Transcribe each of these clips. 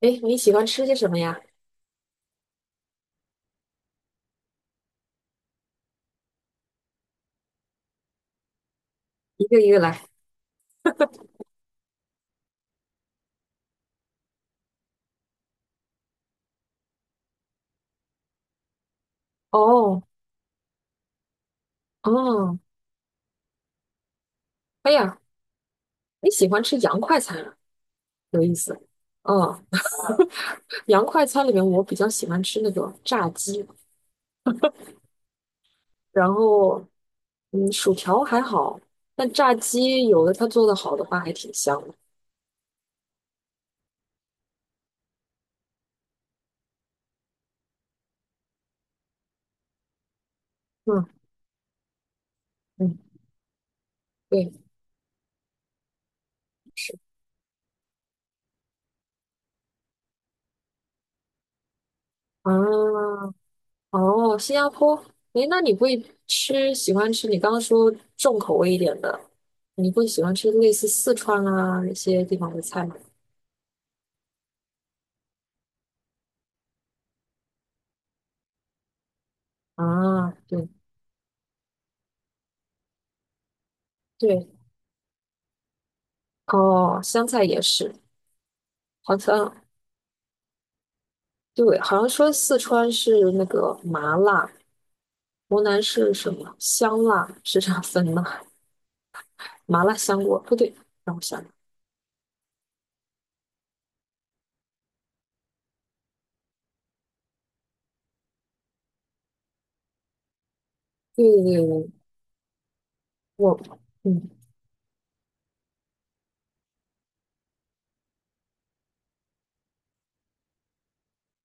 诶，你喜欢吃些什么呀？一个一个来。哦，哦，哎呀，你喜欢吃洋快餐啊，有意思。哦，洋快餐里面我比较喜欢吃那个炸鸡，然后薯条还好，但炸鸡有的它做的好的话还挺香的。嗯嗯，对，是啊，哦，新加坡。诶，那你会吃喜欢吃你刚刚说重口味一点的，你会喜欢吃类似四川啊那些地方的菜吗？啊，对，对，哦，香菜也是，好像对。好像说四川是那个麻辣，湖南是什么香辣，是这样分的。麻辣香锅不对，让我想想。对对对，我嗯，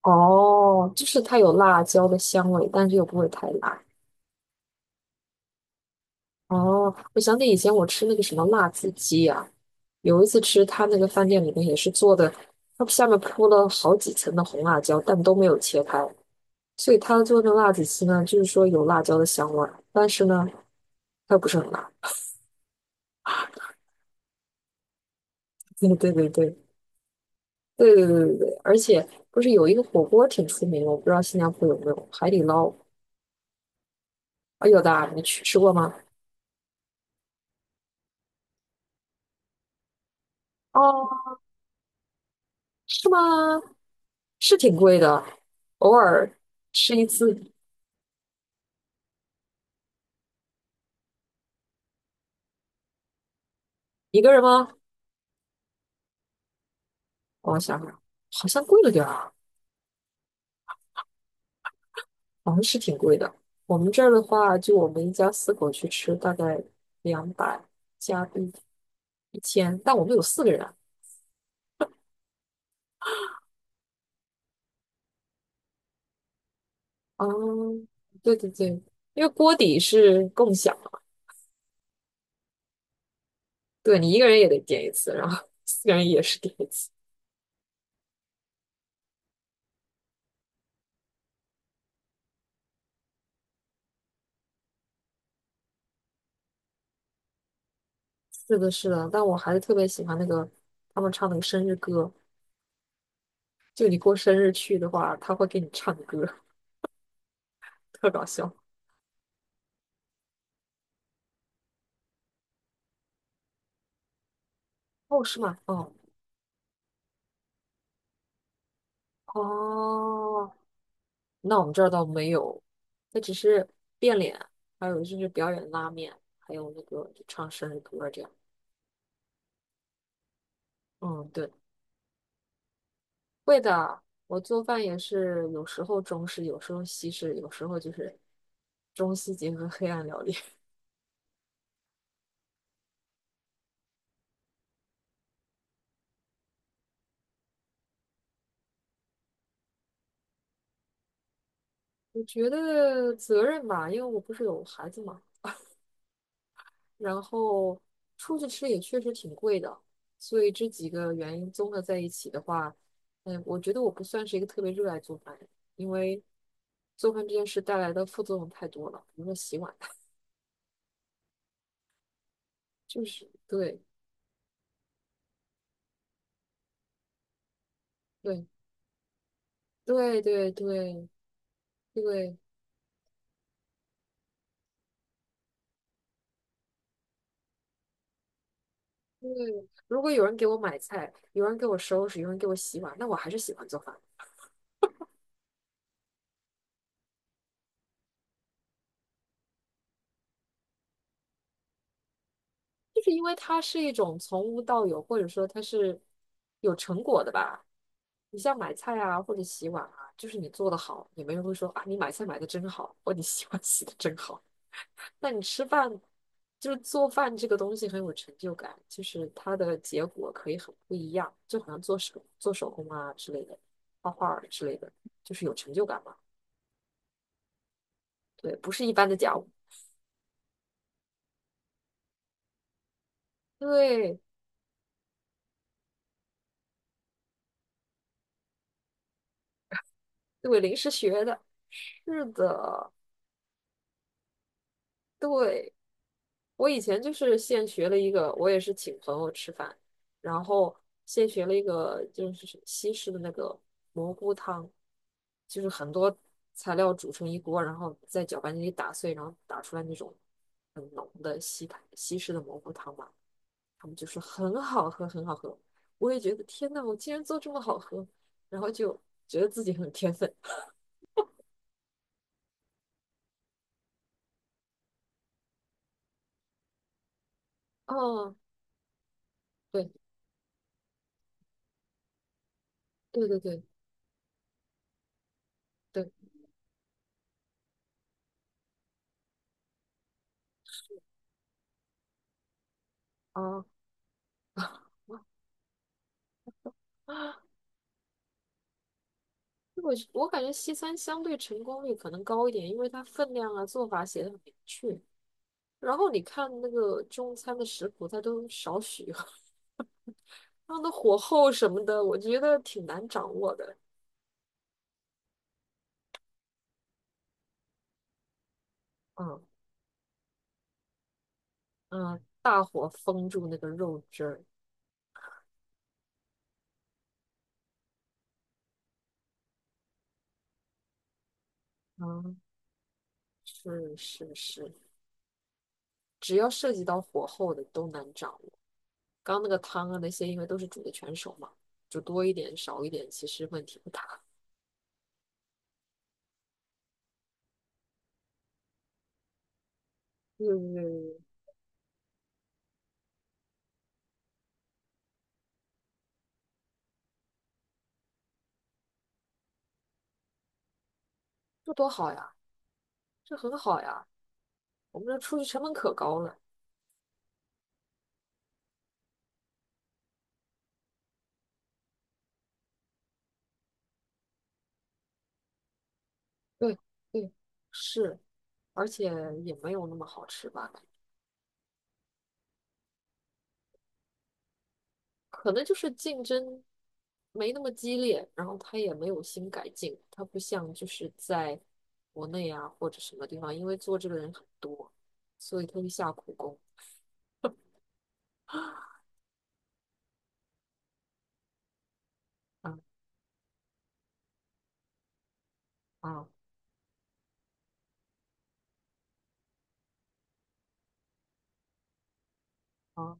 哦，就是它有辣椒的香味，但是又不会太辣。哦，我想起以前我吃那个什么辣子鸡啊，有一次吃他那个饭店里面也是做的，它下面铺了好几层的红辣椒，但都没有切开，所以它做的辣子鸡呢，就是说有辣椒的香味儿，但是呢，它又不是很辣。对对对对对对对对对，而且不是有一个火锅挺出名的，我不知道新加坡有没有海底捞。啊？有的啊，你去吃过吗？哦，是吗？是挺贵的，偶尔吃一次，一个人吗？我想想，好像贵了点儿啊，好像是挺贵的。我们这儿的话，就我们一家四口去吃，大概200加币1000，但我们有四个人。哦，对对对，因为锅底是共享嘛，对你一个人也得点一次，然后 4个人也是点一次。是的，是的，但我还是特别喜欢那个他们唱那个生日歌，就你过生日去的话，他会给你唱歌，特搞笑。哦，是吗？哦哦，那我们这儿倒没有，那只是变脸，还有就是表演拉面，还有那个就唱生日歌这样。嗯，对。会的，我做饭也是有时候中式，有时候西式，有时候就是中西结合黑暗料理。我觉得责任吧，因为我不是有孩子嘛，然后出去吃也确实挺贵的，所以这几个原因综合在一起的话，我觉得我不算是一个特别热爱做饭的人，因为做饭这件事带来的副作用太多了，比如说洗碗。就是对对对对对对。嗯，如果有人给我买菜，有人给我收拾，有人给我洗碗，那我还是喜欢做饭，就是因为它是一种从无到有，或者说它是有成果的吧。你像买菜啊，或者洗碗啊，就是你做的好，也没人会说啊，你买菜买的真好，或你洗碗洗的真好。那你吃饭，就是做饭这个东西很有成就感，就是它的结果可以很不一样，就好像做手工啊之类的，画画儿之类的，就是有成就感嘛。对，不是一般的家务。对对，临时学的，是的。对，我以前就是现学了一个，我也是请朋友吃饭，然后现学了一个就是西式的那个蘑菇汤，就是很多材料煮成一锅，然后在搅拌机里打碎，然后打出来那种很浓的西塔西式的蘑菇汤嘛，他们就说很好喝，很好喝。我也觉得天呐，我竟然做这么好喝，然后就觉得自己很天分。哦，对对对对。对啊，啊！我感觉西餐相对成功率可能高一点，因为它分量啊、做法写的很明确。然后你看那个中餐的食谱，它都少许，它的火候什么的，我觉得挺难掌握的。嗯嗯，大火封住那个肉汁儿。嗯，是是是，只要涉及到火候的都难掌握。刚刚那个汤啊那些，因为都是煮的全熟嘛，煮多一点少一点，其实问题不大。嗯，这多好呀！这很好呀，我们这出去成本可高了。对对，是，而且也没有那么好吃吧？可能就是竞争没那么激烈，然后他也没有新改进，他不像就是在国内啊或者什么地方，因为做这个人很多，所以他会下苦功。啊啊啊！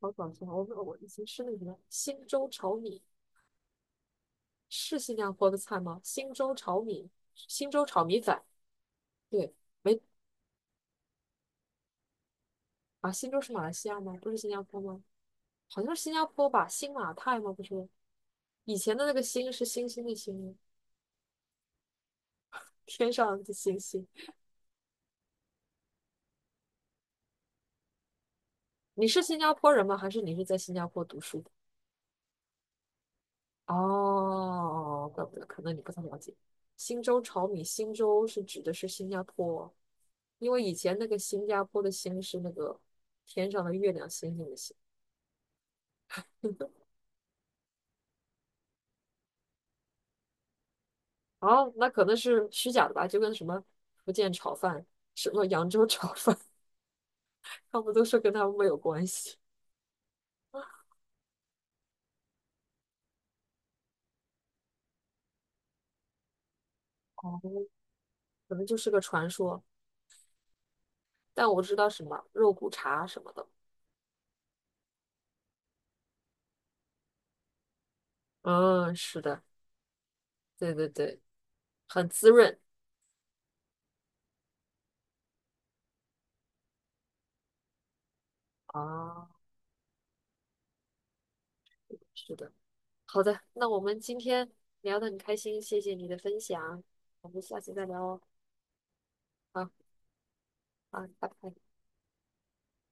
好搞笑！我以前吃那个什么新州炒米，是新加坡的菜吗？新州炒米，新州炒米粉，对，没。啊，新州是马来西亚吗？不是新加坡吗？好像是新加坡吧，新马泰吗？不是，以前的那个新是星星的星吗，天上的星星。你是新加坡人吗？还是你是在新加坡读书的？哦，怪不得，可能你不太了解。新州炒米，新州是指的是新加坡，因为以前那个新加坡的星是那个天上的月亮星星的星。哦，那可能是虚假的吧，就跟什么福建炒饭、什么扬州炒饭，他们都说跟他们没有关系。哦，可能就是个传说，但我知道什么肉骨茶什么的。嗯，是的，对对对，很滋润。啊，是的。好的，那我们今天聊得很开心，谢谢你的分享，我们下次再聊哦。好，好，拜拜。